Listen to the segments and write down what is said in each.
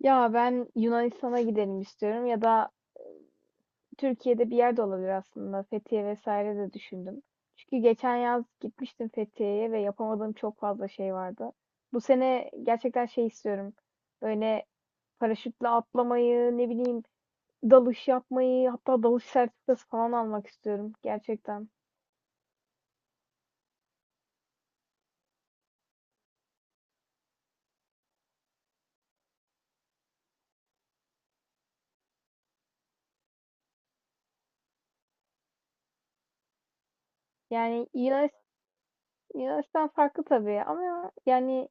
Ya ben Yunanistan'a gidelim istiyorum ya da e, Türkiye'de bir yerde olabilir aslında. Fethiye vesaire de düşündüm. Çünkü geçen yaz gitmiştim Fethiye'ye ve yapamadığım çok fazla şey vardı. Bu sene gerçekten şey istiyorum. Böyle paraşütle atlamayı, ne bileyim dalış yapmayı, hatta dalış sertifikası falan almak istiyorum gerçekten. Yani Yunanistan farklı tabii ama yani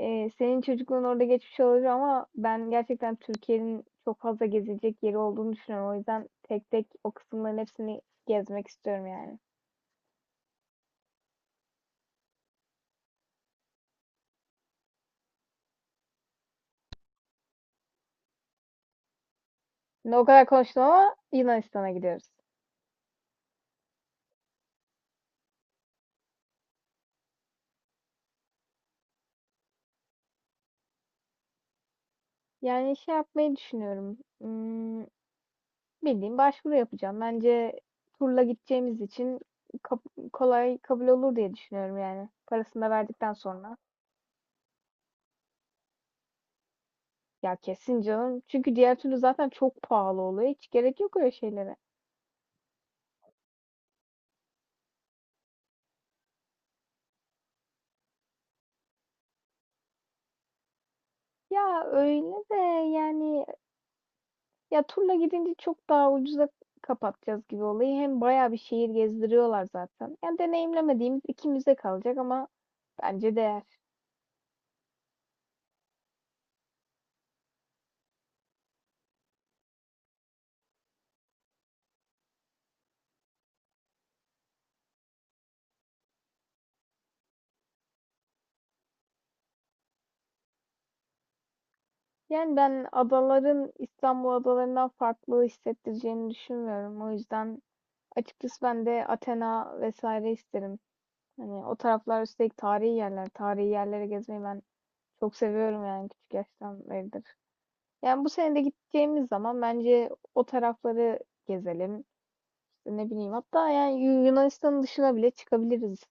Senin çocukluğun orada geçmiş olabilir ama ben gerçekten Türkiye'nin çok fazla gezilecek yeri olduğunu düşünüyorum. O yüzden tek tek o kısımların hepsini gezmek istiyorum yani. Şimdi o kadar konuştum ama Yunanistan'a gidiyoruz. Yani şey yapmayı düşünüyorum. Bildiğim başvuru yapacağım. Bence turla gideceğimiz için kolay kabul olur diye düşünüyorum yani. Parasını da verdikten sonra. Ya kesin canım. Çünkü diğer türlü zaten çok pahalı oluyor. Hiç gerek yok öyle şeylere. Ya öyle de yani. Ya turla gidince çok daha ucuza kapatacağız gibi olayı. Hem bayağı bir şehir gezdiriyorlar zaten. Yani deneyimlemediğimiz iki kalacak ama bence değer. Yani ben adaların İstanbul adalarından farklı hissettireceğini düşünmüyorum. O yüzden açıkçası ben de Athena vesaire isterim. Hani o taraflar üstelik tarihi yerler. Tarihi yerlere gezmeyi ben çok seviyorum yani küçük yaştan beridir. Yani bu sene de gideceğimiz zaman bence o tarafları gezelim. İşte ne bileyim hatta yani Yunanistan'ın dışına bile çıkabiliriz.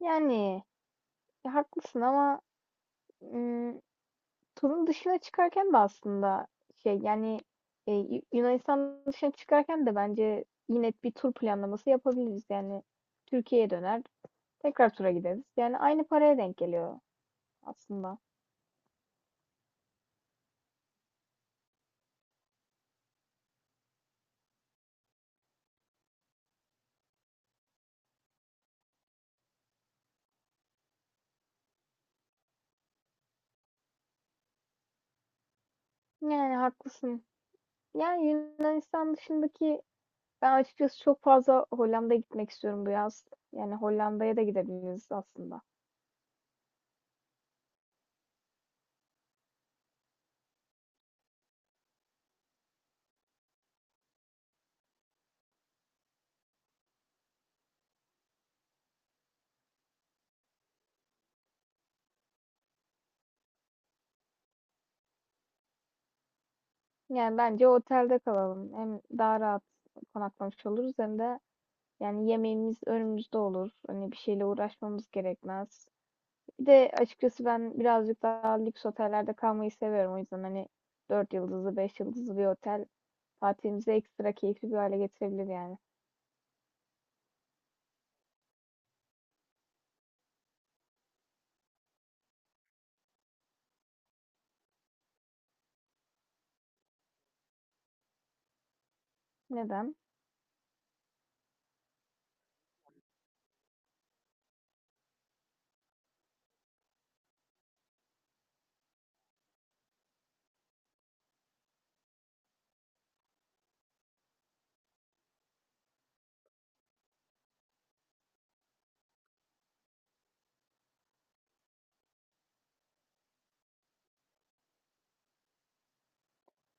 Yani ya haklısın ama ım, turun dışına çıkarken de aslında şey yani Yunanistan dışına çıkarken de bence yine bir tur planlaması yapabiliriz. Yani Türkiye'ye döner tekrar tura gideriz. Yani aynı paraya denk geliyor aslında. Yani haklısın. Yani Yunanistan dışındaki ben açıkçası çok fazla Hollanda'ya gitmek istiyorum bu yaz. Yani Hollanda'ya da gidebiliriz aslında. Yani bence otelde kalalım. Hem daha rahat konaklamış oluruz hem de yani yemeğimiz önümüzde olur. Hani bir şeyle uğraşmamız gerekmez. Bir de açıkçası ben birazcık daha lüks otellerde kalmayı seviyorum. O yüzden hani 4 yıldızlı, 5 yıldızlı bir otel tatilimizi ekstra keyifli bir hale getirebilir yani. Neden?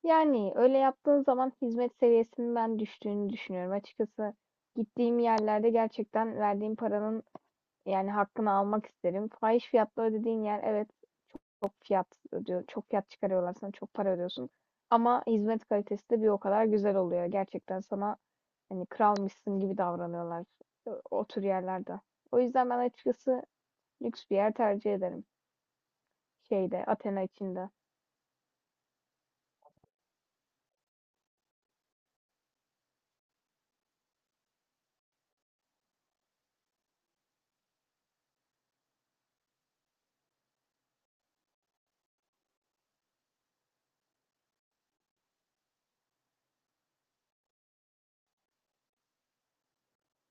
Yani öyle yaptığın zaman hizmet seviyesinin ben düştüğünü düşünüyorum. Açıkçası gittiğim yerlerde gerçekten verdiğim paranın yani hakkını almak isterim. Fahiş fiyatla ödediğin yer, evet, çok fiyat ödüyor, çok fiyat çıkarıyorlar sana, çok para ödüyorsun. Ama hizmet kalitesi de bir o kadar güzel oluyor. Gerçekten sana hani kralmışsın gibi davranıyorlar o tür yerlerde. O yüzden ben açıkçası lüks bir yer tercih ederim. Şeyde, Athena içinde.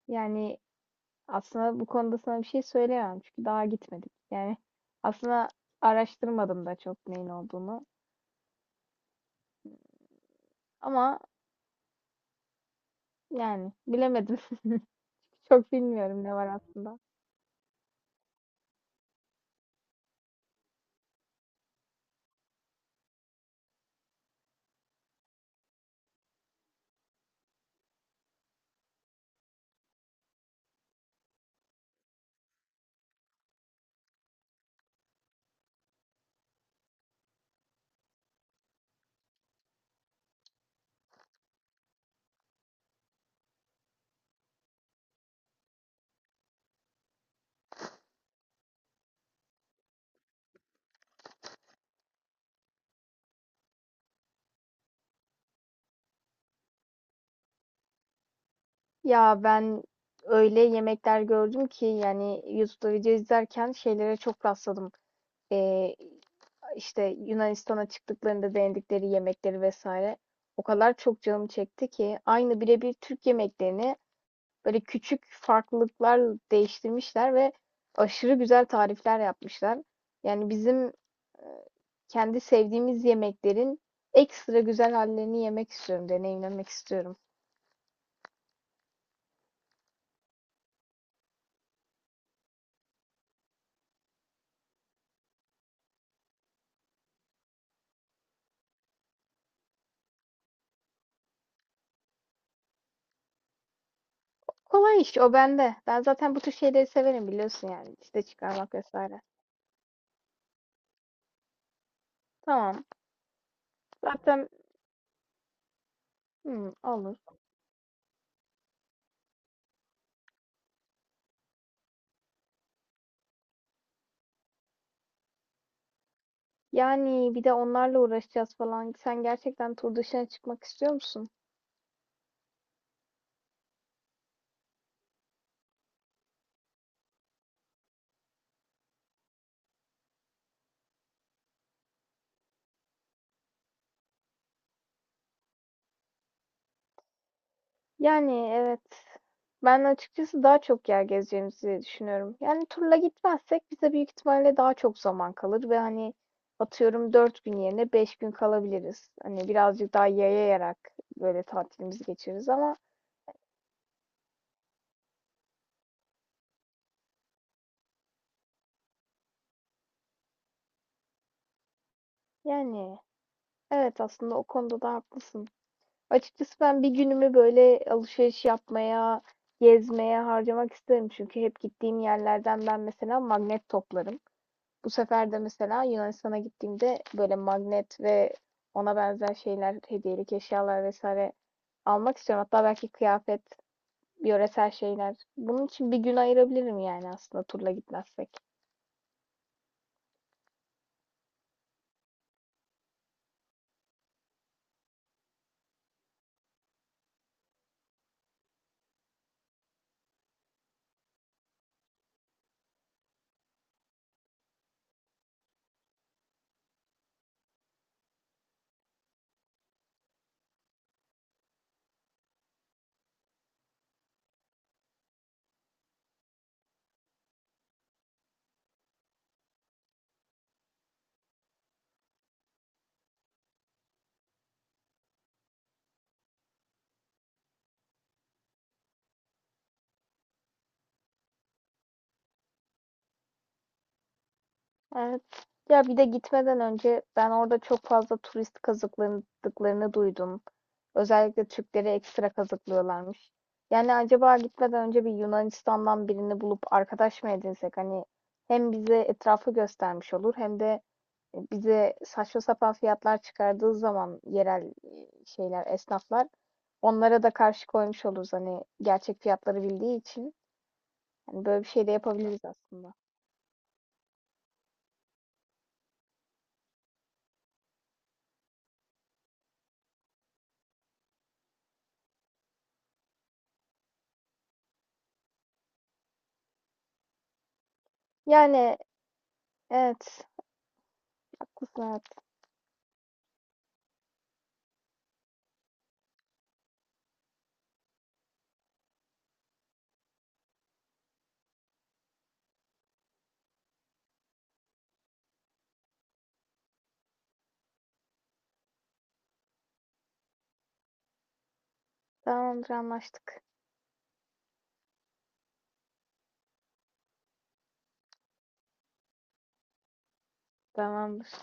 Yani aslında bu konuda sana bir şey söyleyemem çünkü daha gitmedik. Yani aslında araştırmadım da çok neyin olduğunu. Ama yani bilemedim. Çok bilmiyorum ne var aslında. Ya ben öyle yemekler gördüm ki yani YouTube'da video izlerken şeylere çok rastladım. Ee, işte Yunanistan'a çıktıklarında denedikleri yemekleri vesaire. O kadar çok canım çekti ki aynı birebir Türk yemeklerini böyle küçük farklılıklar değiştirmişler ve aşırı güzel tarifler yapmışlar. Yani bizim e, kendi sevdiğimiz yemeklerin ekstra güzel hallerini yemek istiyorum, deneyimlemek istiyorum. Kolay iş o bende. Ben zaten bu tür şeyleri severim biliyorsun yani liste çıkarmak vesaire. Tamam. Zaten olur. Yani bir de onlarla uğraşacağız falan. Sen gerçekten tur dışına çıkmak istiyor musun? Yani evet. Ben açıkçası daha çok yer gezeceğimizi düşünüyorum. Yani turla gitmezsek bize büyük ihtimalle daha çok zaman kalır ve hani atıyorum 4 gün yerine 5 gün kalabiliriz. Hani birazcık daha yayayarak böyle tatilimizi geçiririz ama yani evet, aslında o konuda da haklısın. Açıkçası ben bir günümü böyle alışveriş yapmaya, gezmeye harcamak isterim. Çünkü hep gittiğim yerlerden ben mesela magnet toplarım. Bu sefer de mesela Yunanistan'a gittiğimde böyle magnet ve ona benzer şeyler, hediyelik eşyalar vesaire almak istiyorum. Hatta belki kıyafet, yöresel şeyler. Bunun için bir gün ayırabilirim yani aslında turla gitmezsek. Evet. Ya bir de gitmeden önce ben orada çok fazla turist kazıkladıklarını duydum. Özellikle Türkleri ekstra kazıklıyorlarmış. Yani acaba gitmeden önce bir Yunanistan'dan birini bulup arkadaş mı edinsek? Hani hem bize etrafı göstermiş olur hem de bize saçma sapan fiyatlar çıkardığı zaman yerel şeyler, esnaflar onlara da karşı koymuş oluruz. Hani gerçek fiyatları bildiği için. Yani böyle bir şey de yapabiliriz aslında. Yani evet, haklısın. Evet. Tamamdır, anlaştık. Tamamdır.